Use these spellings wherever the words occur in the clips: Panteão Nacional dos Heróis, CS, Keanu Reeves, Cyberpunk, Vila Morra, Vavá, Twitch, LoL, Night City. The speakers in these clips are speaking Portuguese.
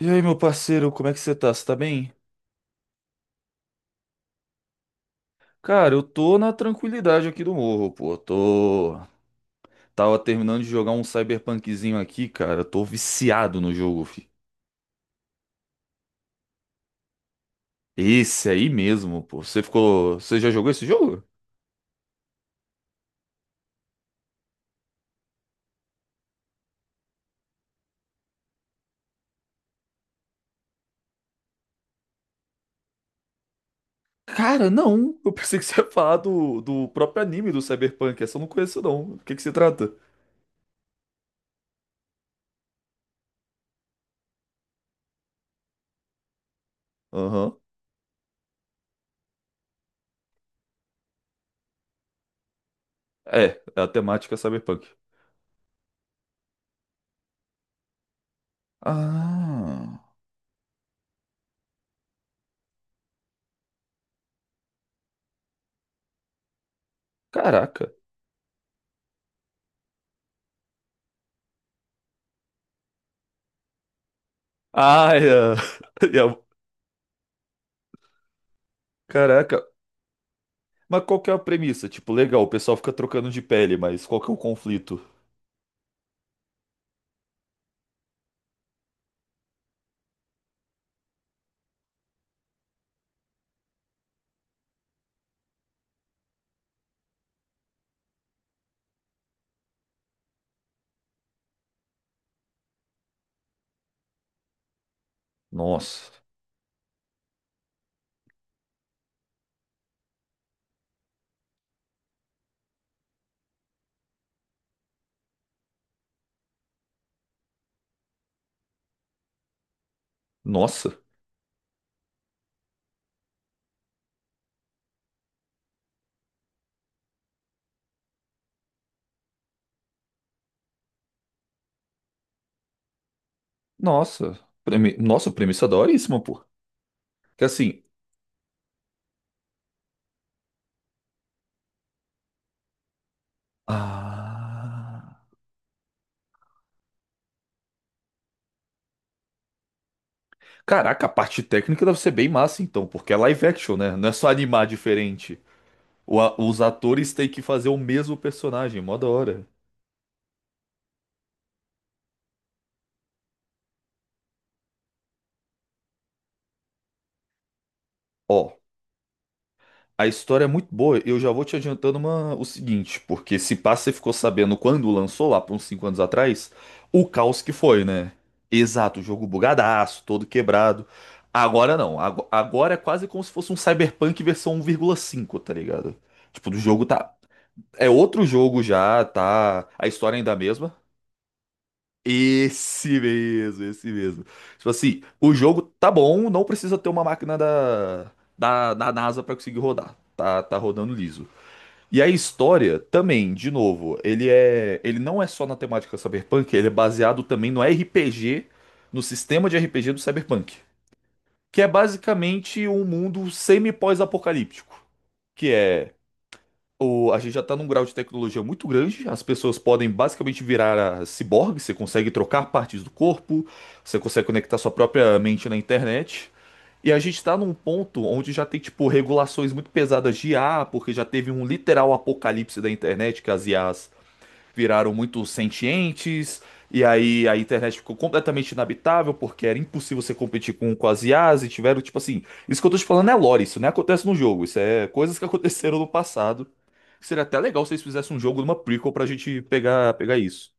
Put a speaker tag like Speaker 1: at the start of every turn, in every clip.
Speaker 1: E aí, meu parceiro, como é que você tá? Você tá bem? Cara, eu tô na tranquilidade aqui do morro, pô. Tô. Tava terminando de jogar um cyberpunkzinho aqui, cara. Tô viciado no jogo, fi. Esse aí mesmo, pô. Você ficou. Você já jogou esse jogo? Cara, não. Eu pensei que você ia falar do próprio anime do Cyberpunk. Essa eu não conheço, não. Do que se trata? Aham. É, a temática é Cyberpunk. Ah. Caraca. Ah, é. é. Caraca. Mas qual que é a premissa? Tipo, legal, o pessoal fica trocando de pele, mas qual que é o conflito? Nossa. Nossa. Nossa. Nossa, premissa é daoríssima, pô. Que assim. Ah. Caraca, a parte técnica deve ser bem massa, então, porque é live action, né? Não é só animar diferente. Os atores têm que fazer o mesmo personagem, mó da hora. Ó, a história é muito boa, eu já vou te adiantando o seguinte, porque se pá, você ficou sabendo quando lançou lá, por uns 5 anos atrás, o caos que foi, né? Exato, o jogo bugadaço, todo quebrado. Agora não, agora é quase como se fosse um Cyberpunk versão 1,5, tá ligado? Tipo, do jogo tá. É outro jogo já, tá. A história ainda é a mesma. Esse mesmo, esse mesmo. Tipo assim, o jogo tá bom, não precisa ter uma máquina da NASA pra conseguir rodar. Tá, tá rodando liso. E a história também, de novo, ele é, ele não é só na temática cyberpunk, ele é baseado também no RPG, no sistema de RPG do cyberpunk, que é basicamente um mundo semi-pós-apocalíptico, que é o, a gente já tá num grau de tecnologia muito grande, as pessoas podem basicamente virar a ciborgue, você consegue trocar partes do corpo, você consegue conectar sua própria mente na internet. E a gente tá num ponto onde já tem, tipo, regulações muito pesadas de IA, porque já teve um literal apocalipse da internet, que as IAs viraram muito sentientes, e aí a internet ficou completamente inabitável, porque era impossível você competir com as IAs, e tiveram, tipo assim, isso que eu tô te falando é lore, isso não acontece no jogo, isso é coisas que aconteceram no passado. Seria até legal se eles fizessem um jogo numa prequel pra gente pegar, pegar isso.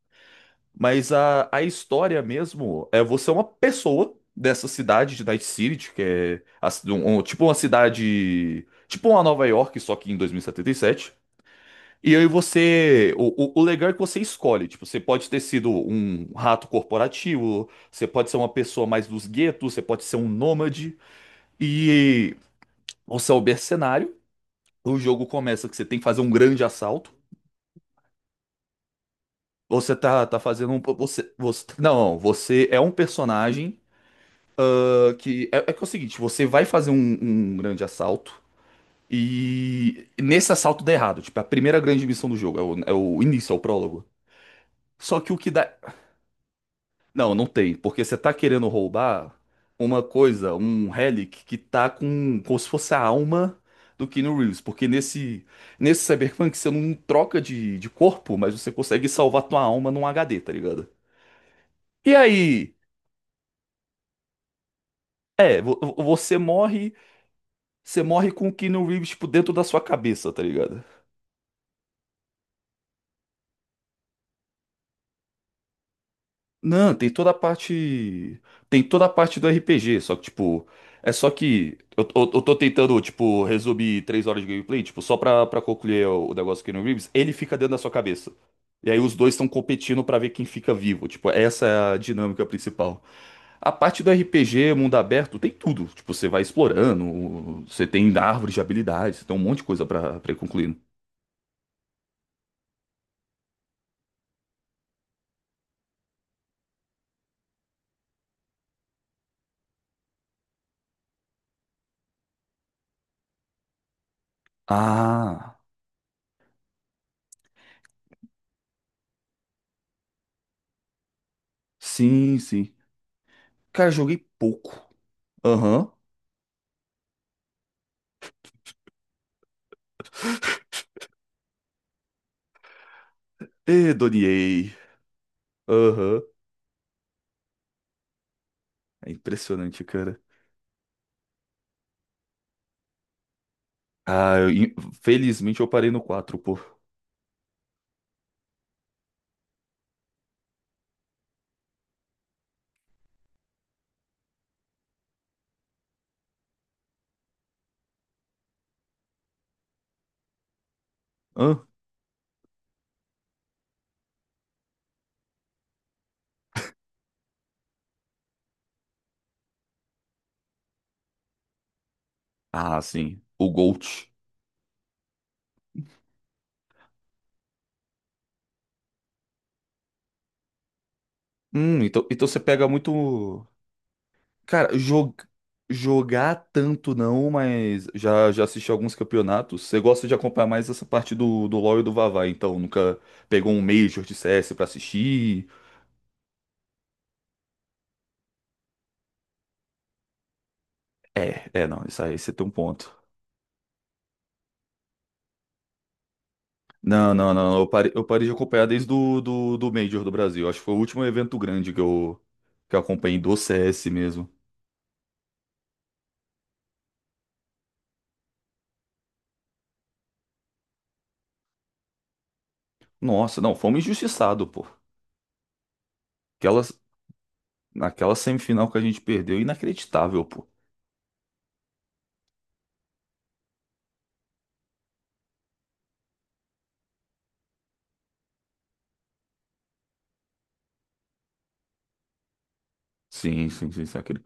Speaker 1: Mas a história mesmo é você é uma pessoa dessa cidade de Night City, que é a tipo uma cidade. Tipo uma Nova York, só que em 2077. E setenta e sete. E aí você. O legal é que você escolhe. Tipo, você pode ter sido um rato corporativo, você pode ser uma pessoa mais dos guetos, você pode ser um nômade. E você é o mercenário. O jogo começa que você tem que fazer um grande assalto. Você tá fazendo um. Você, você, não, você é um personagem. É que é o seguinte, você vai fazer um, um grande assalto e nesse assalto dá errado. Tipo, é a primeira grande missão do jogo, é o início, é o prólogo. Só que o que dá... Não, não tem, porque você tá querendo roubar uma coisa, um relic que tá com, como se fosse a alma do Keanu Reeves. Porque nesse Cyberpunk você não troca de corpo, mas você consegue salvar tua alma num HD, tá ligado? E aí... É, você morre com o Keanu Reeves, tipo, dentro da sua cabeça, tá ligado? Não, tem toda a parte. Tem toda a parte do RPG, só que, tipo. É só que. Eu tô tentando, tipo, resumir 3 horas de gameplay, tipo, só pra concluir o negócio do Keanu Reeves, ele fica dentro da sua cabeça. E aí os dois estão competindo pra ver quem fica vivo. Tipo, essa é a dinâmica principal. A parte do RPG, mundo aberto, tem tudo. Tipo, você vai explorando, você tem árvores de habilidades, tem um monte de coisa pra ir concluindo. Ah, sim, sim. Cara, joguei pouco. Aham. E Doniei. Aham. É impressionante, cara. Ah, felizmente eu parei no 4, pô. Hã? Ah, sim. O GOAT. Então, então você pega muito. Cara, jogar tanto não, mas já assisti alguns campeonatos. Você gosta de acompanhar mais essa parte do LoL e do Vavá, então nunca pegou um Major de CS pra assistir? É, é, não, isso aí você tem um ponto. Não, não, não. Eu parei de acompanhar desde do Major do Brasil. Acho que foi o último evento grande que eu acompanhei do CS mesmo. Nossa, não, fomos injustiçados, pô. Aquela Naquela semifinal que a gente perdeu, inacreditável, pô. Sim, sim, sim, sim. Aquele...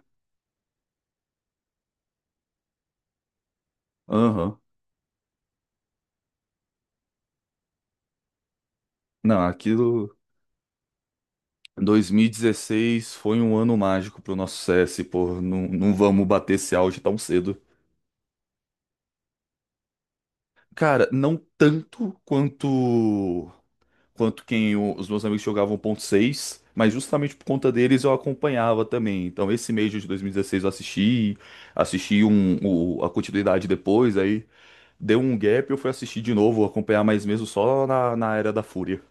Speaker 1: Aham. Não, aquilo. 2016 foi um ano mágico pro nosso CS, pô. Não, não vamos bater esse auge tão cedo. Cara, não tanto quanto quem os meus amigos jogavam 1.6, mas justamente por conta deles eu acompanhava também. Então esse mês de 2016 eu assisti, assisti um, a continuidade depois, aí deu um gap, eu fui assistir de novo, acompanhar mais mesmo só na Era da Fúria.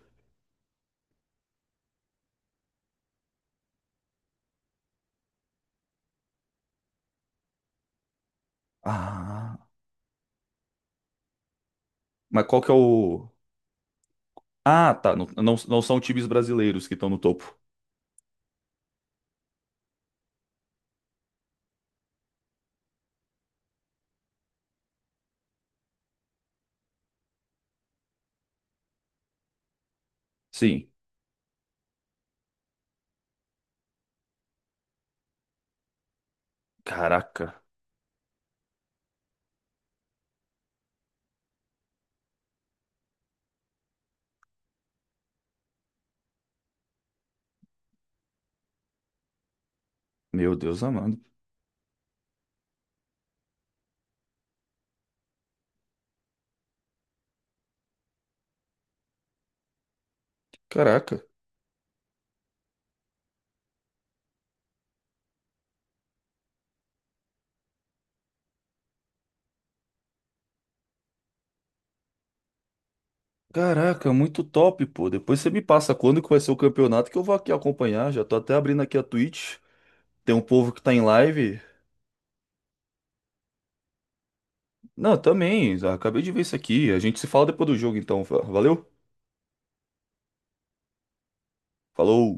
Speaker 1: Ah, mas qual que é o... Ah, tá, não, não, não são times brasileiros que estão no topo. Sim. Caraca, meu Deus amado. Caraca. Caraca, muito top, pô. Depois você me passa quando que vai ser o campeonato que eu vou aqui acompanhar. Já tô até abrindo aqui a Twitch. Tem um povo que tá em live. Não, também. Acabei de ver isso aqui. A gente se fala depois do jogo, então. Valeu? Falou!